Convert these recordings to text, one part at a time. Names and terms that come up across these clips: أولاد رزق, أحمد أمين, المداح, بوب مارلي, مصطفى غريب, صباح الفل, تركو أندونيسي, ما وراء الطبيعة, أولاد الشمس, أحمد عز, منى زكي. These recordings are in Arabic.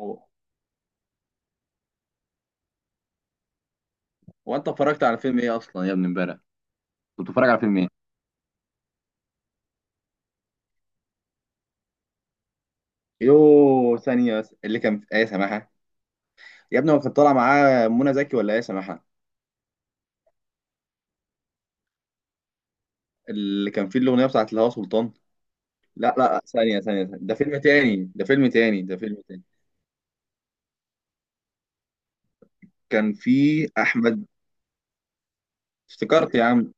هو هو انت اتفرجت على فيلم ايه اصلا يا ابني امبارح؟ كنت بتتفرج على فيلم ايه؟ يو ثانيه بس، اللي كان في ايه سماحه؟ يا ابني هو كان طالع معاه منى زكي ولا ايه سماحه، اللي كان فيه الاغنيه بتاعت الهوا سلطان؟ لا لا، ثانيه ثانيه ثانية. ده فيلم تاني، ده فيلم تاني، ده فيلم تاني. كان فيه احمد. افتكرت يا عم.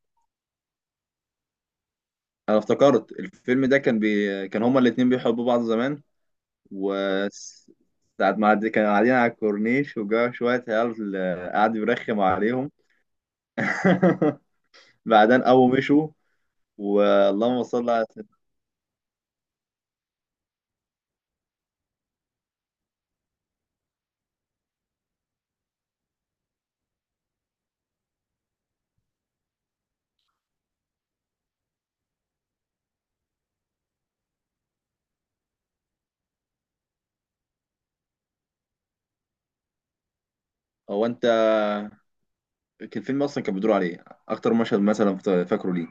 انا افتكرت الفيلم ده كان كان هما الاتنين بيحبوا بعض زمان. و ساعة ما عد- كانوا قاعدين على الكورنيش وجا شوية عيال، قعد يرخم عليهم. بعدين أول مشوا. واللهم صل على سيدنا. هو انت. كان الفيلم اصلا كان بيدور عليه اكتر مشهد مثلا فاكره ليه؟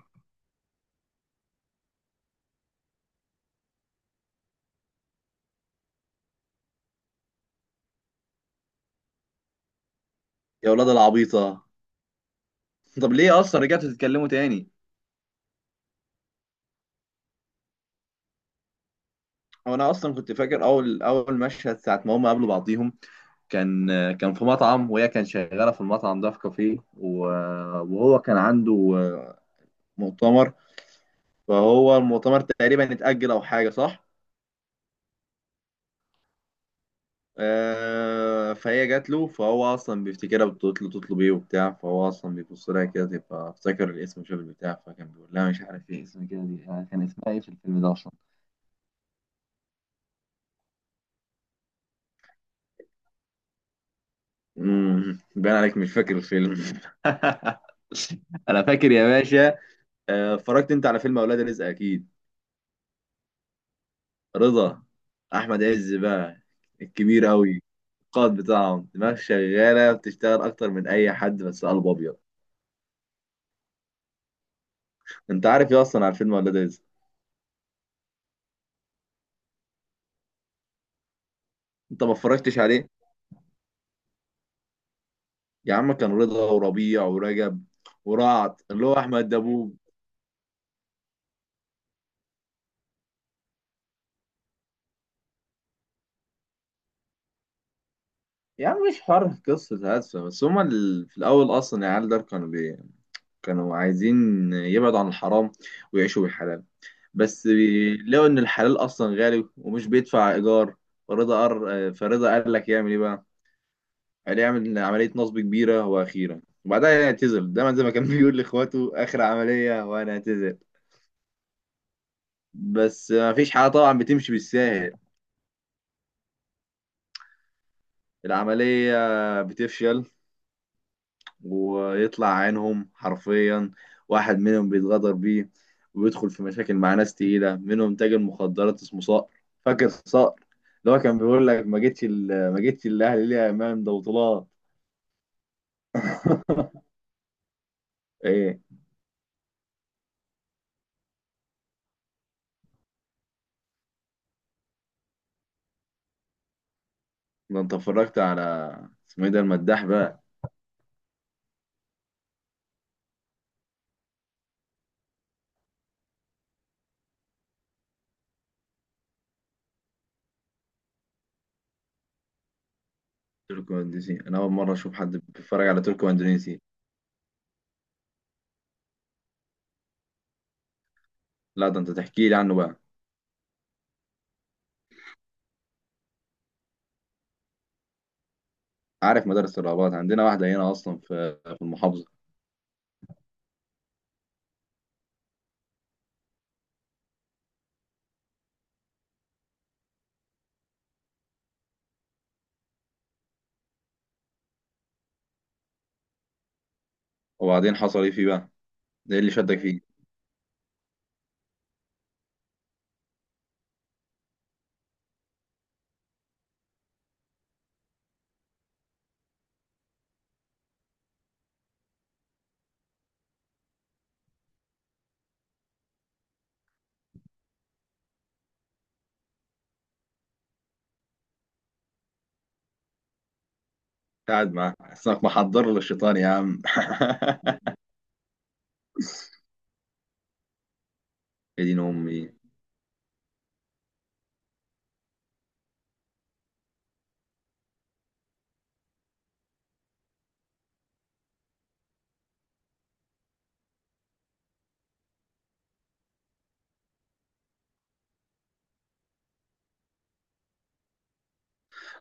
يا اولاد العبيطه، طب ليه اصلا رجعتوا تتكلموا تاني؟ هو انا اصلا كنت فاكر اول اول مشهد ساعه ما هم قابلوا بعضيهم. كان كان في مطعم، وهي كان شغاله في المطعم ده، في كافيه، وهو كان عنده مؤتمر، فهو المؤتمر تقريبا اتاجل او حاجه، صح؟ فهي جات له، فهو اصلا بيفتكرها بتطلب ايه وبتاع، فهو اصلا بيبص لها كده تبقى افتكر الاسم وشاف البتاع، فكان بيقول لها مش عارف ايه اسم كده دي. كان اسمها ايه في الفيلم ده اصلا؟ باين عليك مش فاكر الفيلم. انا فاكر يا باشا. اتفرجت انت على فيلم اولاد رزق اكيد؟ رضا، احمد عز بقى، الكبير قوي، القائد بتاعهم، دماغ شغاله بتشتغل اكتر من اي حد، بس قلب ابيض. انت عارف ايه اصلا على فيلم اولاد رزق؟ انت ما اتفرجتش عليه؟ يا عم كان رضا وربيع ورجب ورعد، اللي هو احمد دبوب. يا عم مش حوار قصة هادفة، بس هما في الأول أصلا العيال دول كانوا كانوا عايزين يبعدوا عن الحرام ويعيشوا بالحلال. بس لقوا إن الحلال أصلا غالي ومش بيدفع إيجار. فرضا قال لك يعمل إيه بقى؟ قال يعمل عملية نصب كبيرة وأخيرة، وبعدها يعتزل، دايما زي ما كان بيقول لإخواته، آخر عملية وأنا أعتزل. بس مفيش حاجة طبعا بتمشي بالساهل. العملية بتفشل ويطلع عينهم حرفيا. واحد منهم بيتغدر بيه، وبيدخل في مشاكل مع ناس تقيلة، منهم تاجر مخدرات اسمه صقر. فاكر صقر؟ اللي هو كان بيقول لك، ما جيتش الاهلي ليه يا امام، ده بطولات. ايه. ده انت اتفرجت على اسمه ايه ده، المداح بقى؟ تركو اندونيسي، انا اول مره اشوف حد بيتفرج على تركو اندونيسي. لا، ده انت تحكي لي عنه بقى. عارف مدارس الرهبات، عندنا واحده هنا اصلا في المحافظه. وبعدين حصل ايه فيه بقى؟ ده ايه اللي شدك فيه؟ قاعد معاه حسنك محضر للشيطان يا عم. يا دين امي.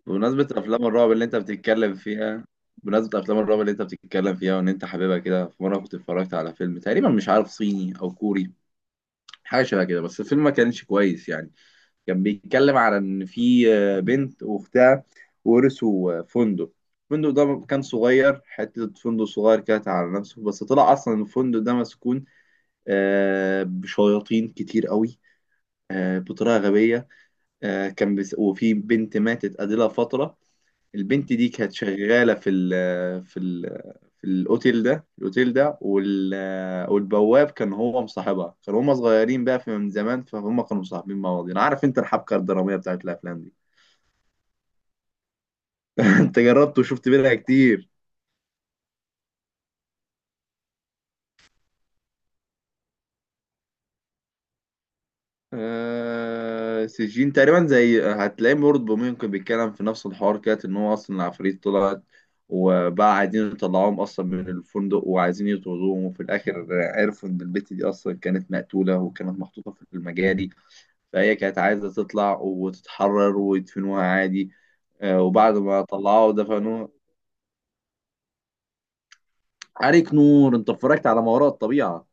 بمناسبة افلام الرعب اللي انت بتتكلم فيها، بمناسبة افلام الرعب اللي انت بتتكلم فيها وان انت حاببها كده، في مرة كنت اتفرجت على فيلم تقريبا مش عارف صيني او كوري، حاجة شبه كده، بس الفيلم ما كانش كويس يعني. كان بيتكلم على ان في بنت واختها ورثوا فندق. الفندق ده كان صغير، حتة فندق صغير كانت على نفسه، بس طلع أصلا الفندق ده مسكون، بشياطين كتير قوي، بطريقة غبية. وفي بنت ماتت قبلها فترة. البنت دي كانت شغالة في ال في الأوتيل ده، الأوتيل ده والبواب كان هو مصاحبها، كانوا هما صغيرين بقى في من زمان، فهم كانوا مصاحبين مع بعض. أنا عارف أنت الحبكة الدرامية بتاعت الأفلام دي. أنت جربت وشفت منها كتير. آه، سجين تقريبا زي هتلاقيه برضه، ممكن بيتكلم في نفس الحوار كده، ان هو اصلا العفاريت طلعت وبقى عايزين يطلعوهم اصلا من الفندق وعايزين يطردوهم. وفي الاخر عرفوا ان البت دي اصلا كانت مقتولة وكانت محطوطة في المجاري، فهي كانت عايزة تطلع وتتحرر ويدفنوها عادي، وبعد ما طلعوها ودفنوها. عليك نور، انت اتفرجت على ما وراء الطبيعة؟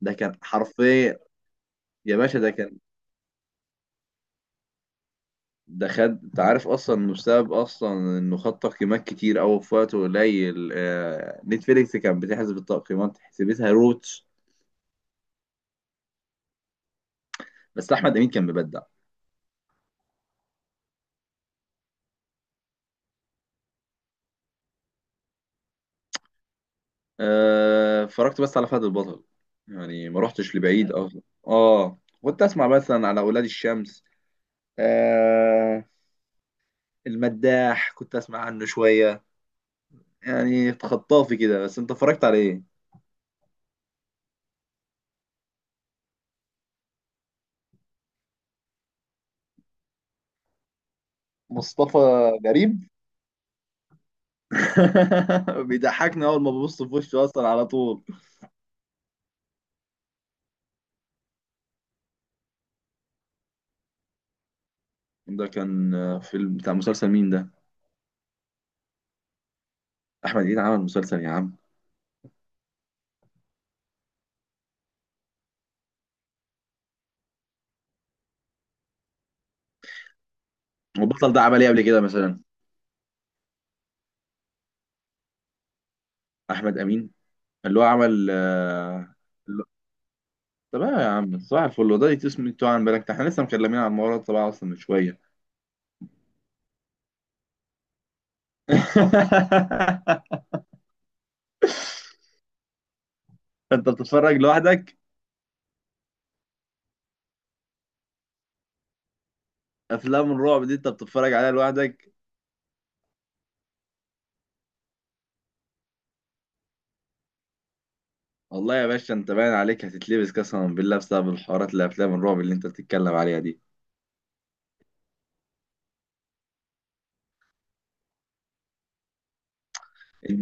ده كان حرفيا. يا باشا ده كان، ده خد، انت عارف اصلا انه بسبب اصلا انه خد تقييمات كتير قوي في وقت قليل. نتفليكس كانت بتحسب التقييمات حسبتها روتش. بس احمد امين كان مبدع. آه، اتفرجت بس على فهد البطل، يعني ما رحتش لبعيد اصلا. اه كنت اسمع مثلا على اولاد الشمس. آه... المداح كنت اسمع عنه شويه، يعني خطافي كده. بس انت اتفرجت على ايه؟ مصطفى غريب. بيضحكني اول ما ببص في وشه اصلا على طول. ده كان فيلم بتاع مسلسل مين ده؟ احمد امين عمل مسلسل يا عم. والبطل ده عمل ايه قبل كده مثلا؟ احمد امين، اللي هو عمل. اللي- طب إيه يا عم صباح الفل، هو ده اسمه، انتوا عن بالك احنا لسه مكلمين عن الموضوع ده طبعا اصلا من شويه. انت بتتفرج لوحدك؟ افلام الرعب دي انت بتتفرج عليها لوحدك؟ والله يا باشا انت باين عليك هتتلبس قسما بالله بسبب الحوارات اللي افلام الرعب اللي انت بتتكلم عليها دي.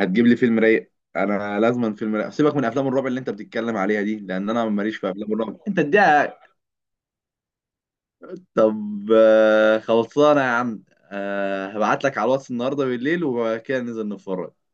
هتجيب لي فيلم رايق، انا لازما فيلم رايق، سيبك من افلام الرعب اللي انت بتتكلم عليها دي، لان انا ماليش في افلام الرعب انت اديها. طب خلصانه يا عم. هبعت لك على الواتس النهارده بالليل وكده ننزل نتفرج.